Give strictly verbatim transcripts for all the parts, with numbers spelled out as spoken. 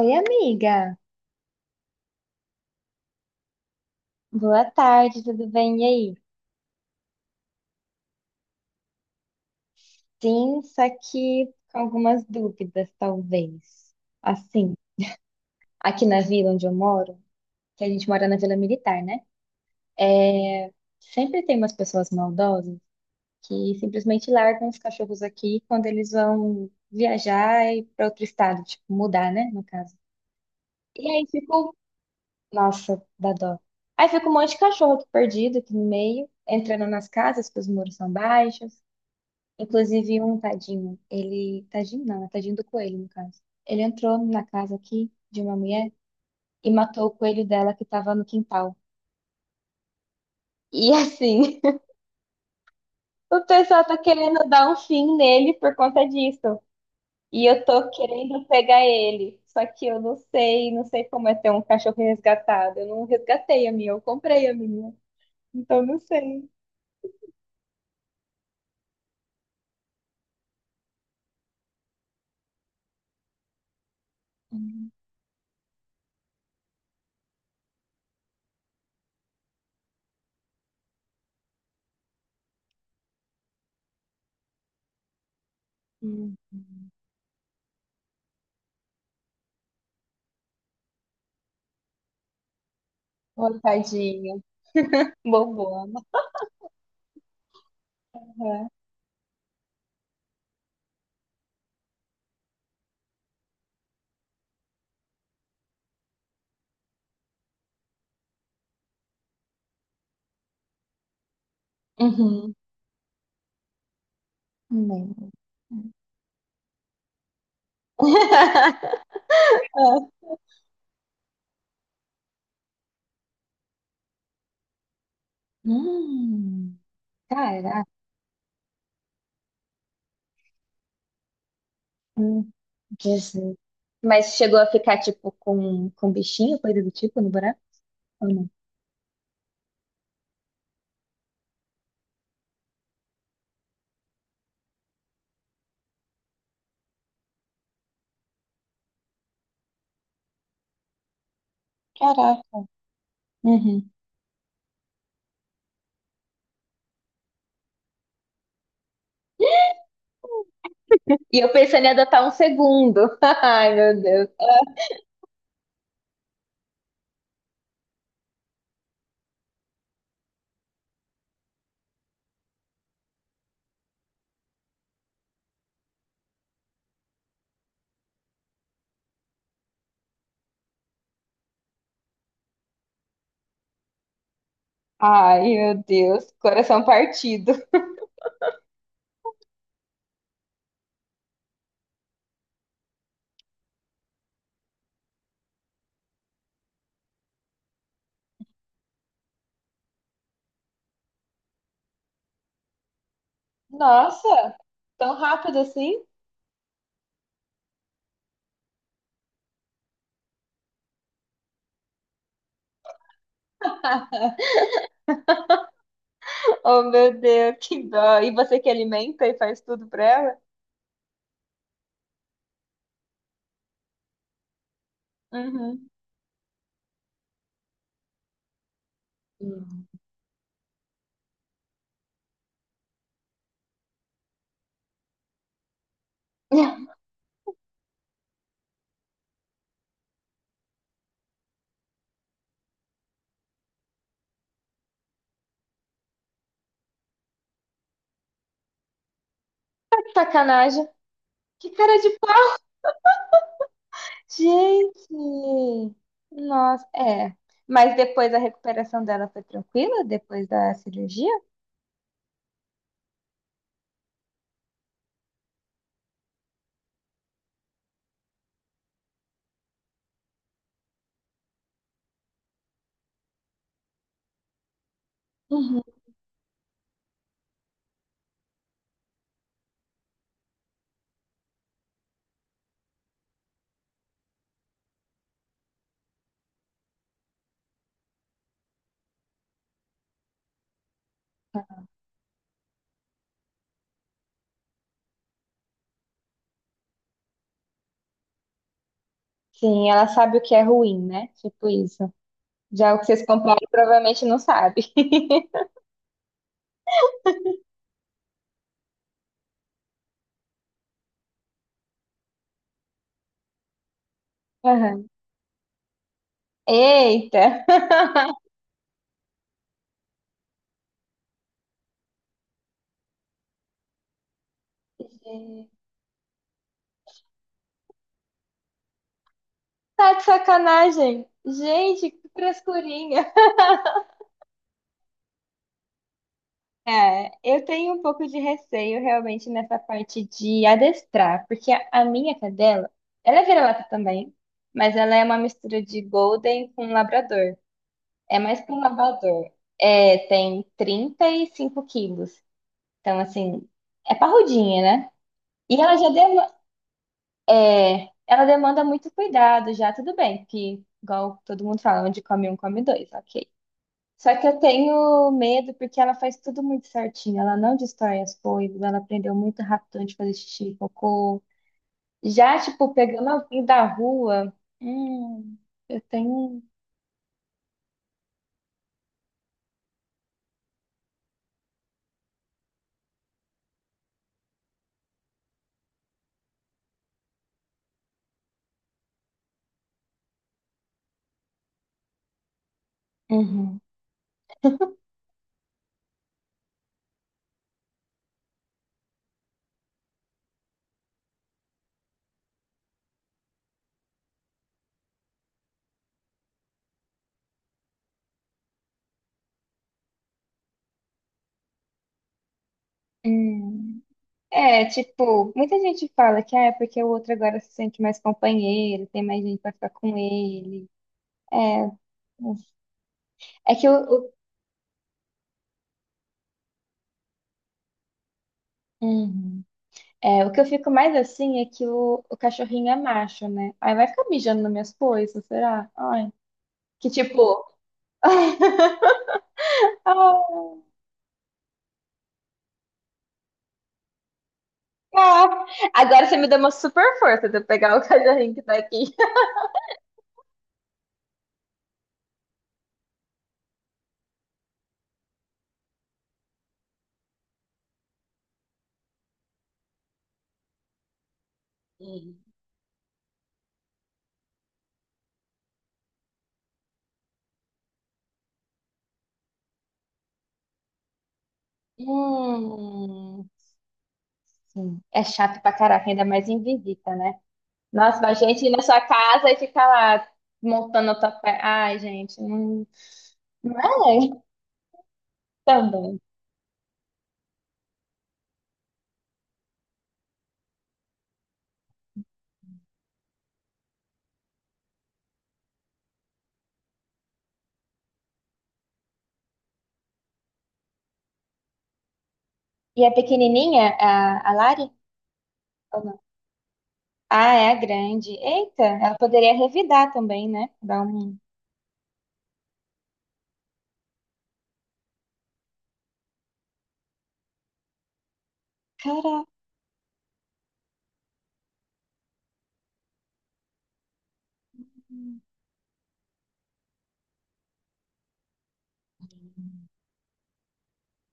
Oi, amiga. Boa tarde, tudo bem? E aí? Sim, só que com algumas dúvidas, talvez. Assim, aqui na vila onde eu moro, que a gente mora na Vila Militar, né? Sempre tem umas pessoas maldosas que simplesmente largam os cachorros aqui quando eles vão viajar e para outro estado, tipo, mudar, né, no caso. E aí ficou, nossa, dá dó. Aí fica um monte de cachorro aqui perdido aqui no meio, entrando nas casas, porque os muros são baixos. Inclusive um tadinho, ele. Tadinho não, né? Tadinho do coelho, no caso. Ele entrou na casa aqui de uma mulher e matou o coelho dela que tava no quintal. E assim, o pessoal tá querendo dar um fim nele por conta disso. E eu tô querendo pegar ele. Só que eu não sei, não sei como é ter um cachorro resgatado. Eu não resgatei a minha, eu comprei a minha. Então não sei. Uhum. Ô, tadinho. Bobona. Uhum. Uhum. Não. Ah, Hum, caraca, hum, Jesus. Mas chegou a ficar, tipo, com, com bichinho, coisa do tipo, no buraco? Ou não? Caraca. Uhum. E eu pensei em adotar um segundo. Ai, meu Deus. Ai, meu Deus, coração partido. Nossa, tão rápido assim? Oh, meu Deus, que dó. E você que alimenta e faz tudo pra ela? Uhum. Hum. Sacanagem. Que cara de gente! Nossa, é. Mas depois a recuperação dela foi tranquila? Depois da cirurgia? Uhum. Sim, ela sabe o que é ruim, né? Tipo isso. Já o que vocês compraram provavelmente não sabe. Aham. Eita! Tá de sacanagem! Gente, que frescurinha! É, eu tenho um pouco de receio realmente nessa parte de adestrar, porque a, a minha cadela, ela é vira-lata também, mas ela é uma mistura de Golden com Labrador. É mais que um Labrador. É, tem trinta e cinco quilos. Então, assim, é parrudinha, né? E ela já dema- é, ela demanda muito cuidado já, tudo bem, que igual todo mundo fala, onde come um, come dois, ok. Só que eu tenho medo porque ela faz tudo muito certinho. Ela não destrói as coisas, ela aprendeu muito rápido antes de fazer xixi, e cocô. Já, tipo, pegando alguém da rua, hum, eu tenho. Uhum. Hum. É, tipo, muita gente fala que ah, é porque o outro agora se sente mais companheiro, tem mais gente pra ficar com ele. É, é que o, o- Uhum. É, o que eu fico mais assim é que o, o cachorrinho é macho, né? Aí vai ficar mijando nas minhas coisas, será? Ai. Que tipo. Ah, ah. Agora você me deu uma super força de eu pegar o cachorrinho que tá aqui. Uhum. Hum, sim. É chato pra caraca, ainda mais em visita, né? Nossa, mas a gente ir na sua casa e ficar lá montando a tua pé. Ai, gente, não, não é também. E a pequenininha, a, a Lari? Ou não? Ah, é a grande. Eita, ela poderia revidar também, né? Dar um. Caraca.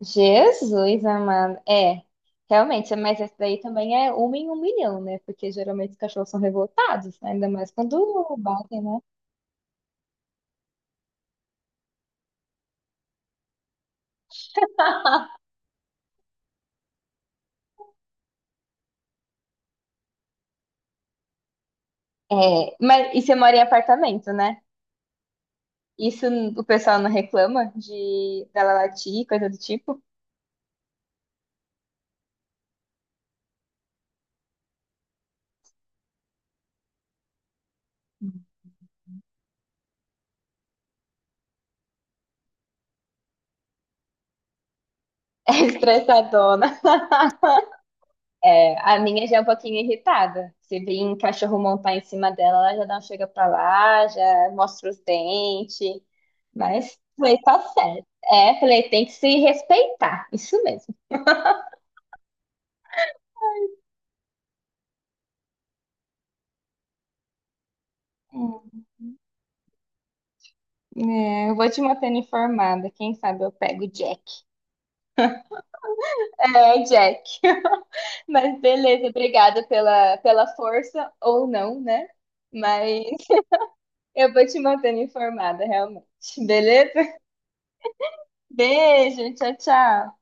Jesus, amado. É, realmente, mas essa daí também é uma em um milhão, né? Porque geralmente os cachorros são revoltados, né? Ainda mais quando batem, né? É, mas e você mora em apartamento, né? Isso o pessoal não reclama de dela latir, coisa do tipo? É estressadona. É, a minha já é um pouquinho irritada. Se vir um cachorro montar em cima dela, ela já dá um chega pra lá, já mostra os dentes. Mas falei, tá certo. É, falei, tem que se respeitar. Isso mesmo. Hum. É, eu vou te mantendo informada. Quem sabe eu pego o Jack. É, Jack. Mas beleza, obrigada pela, pela força, ou não, né? Mas eu vou te mantendo informada, realmente. Beleza? Beijo, tchau, tchau.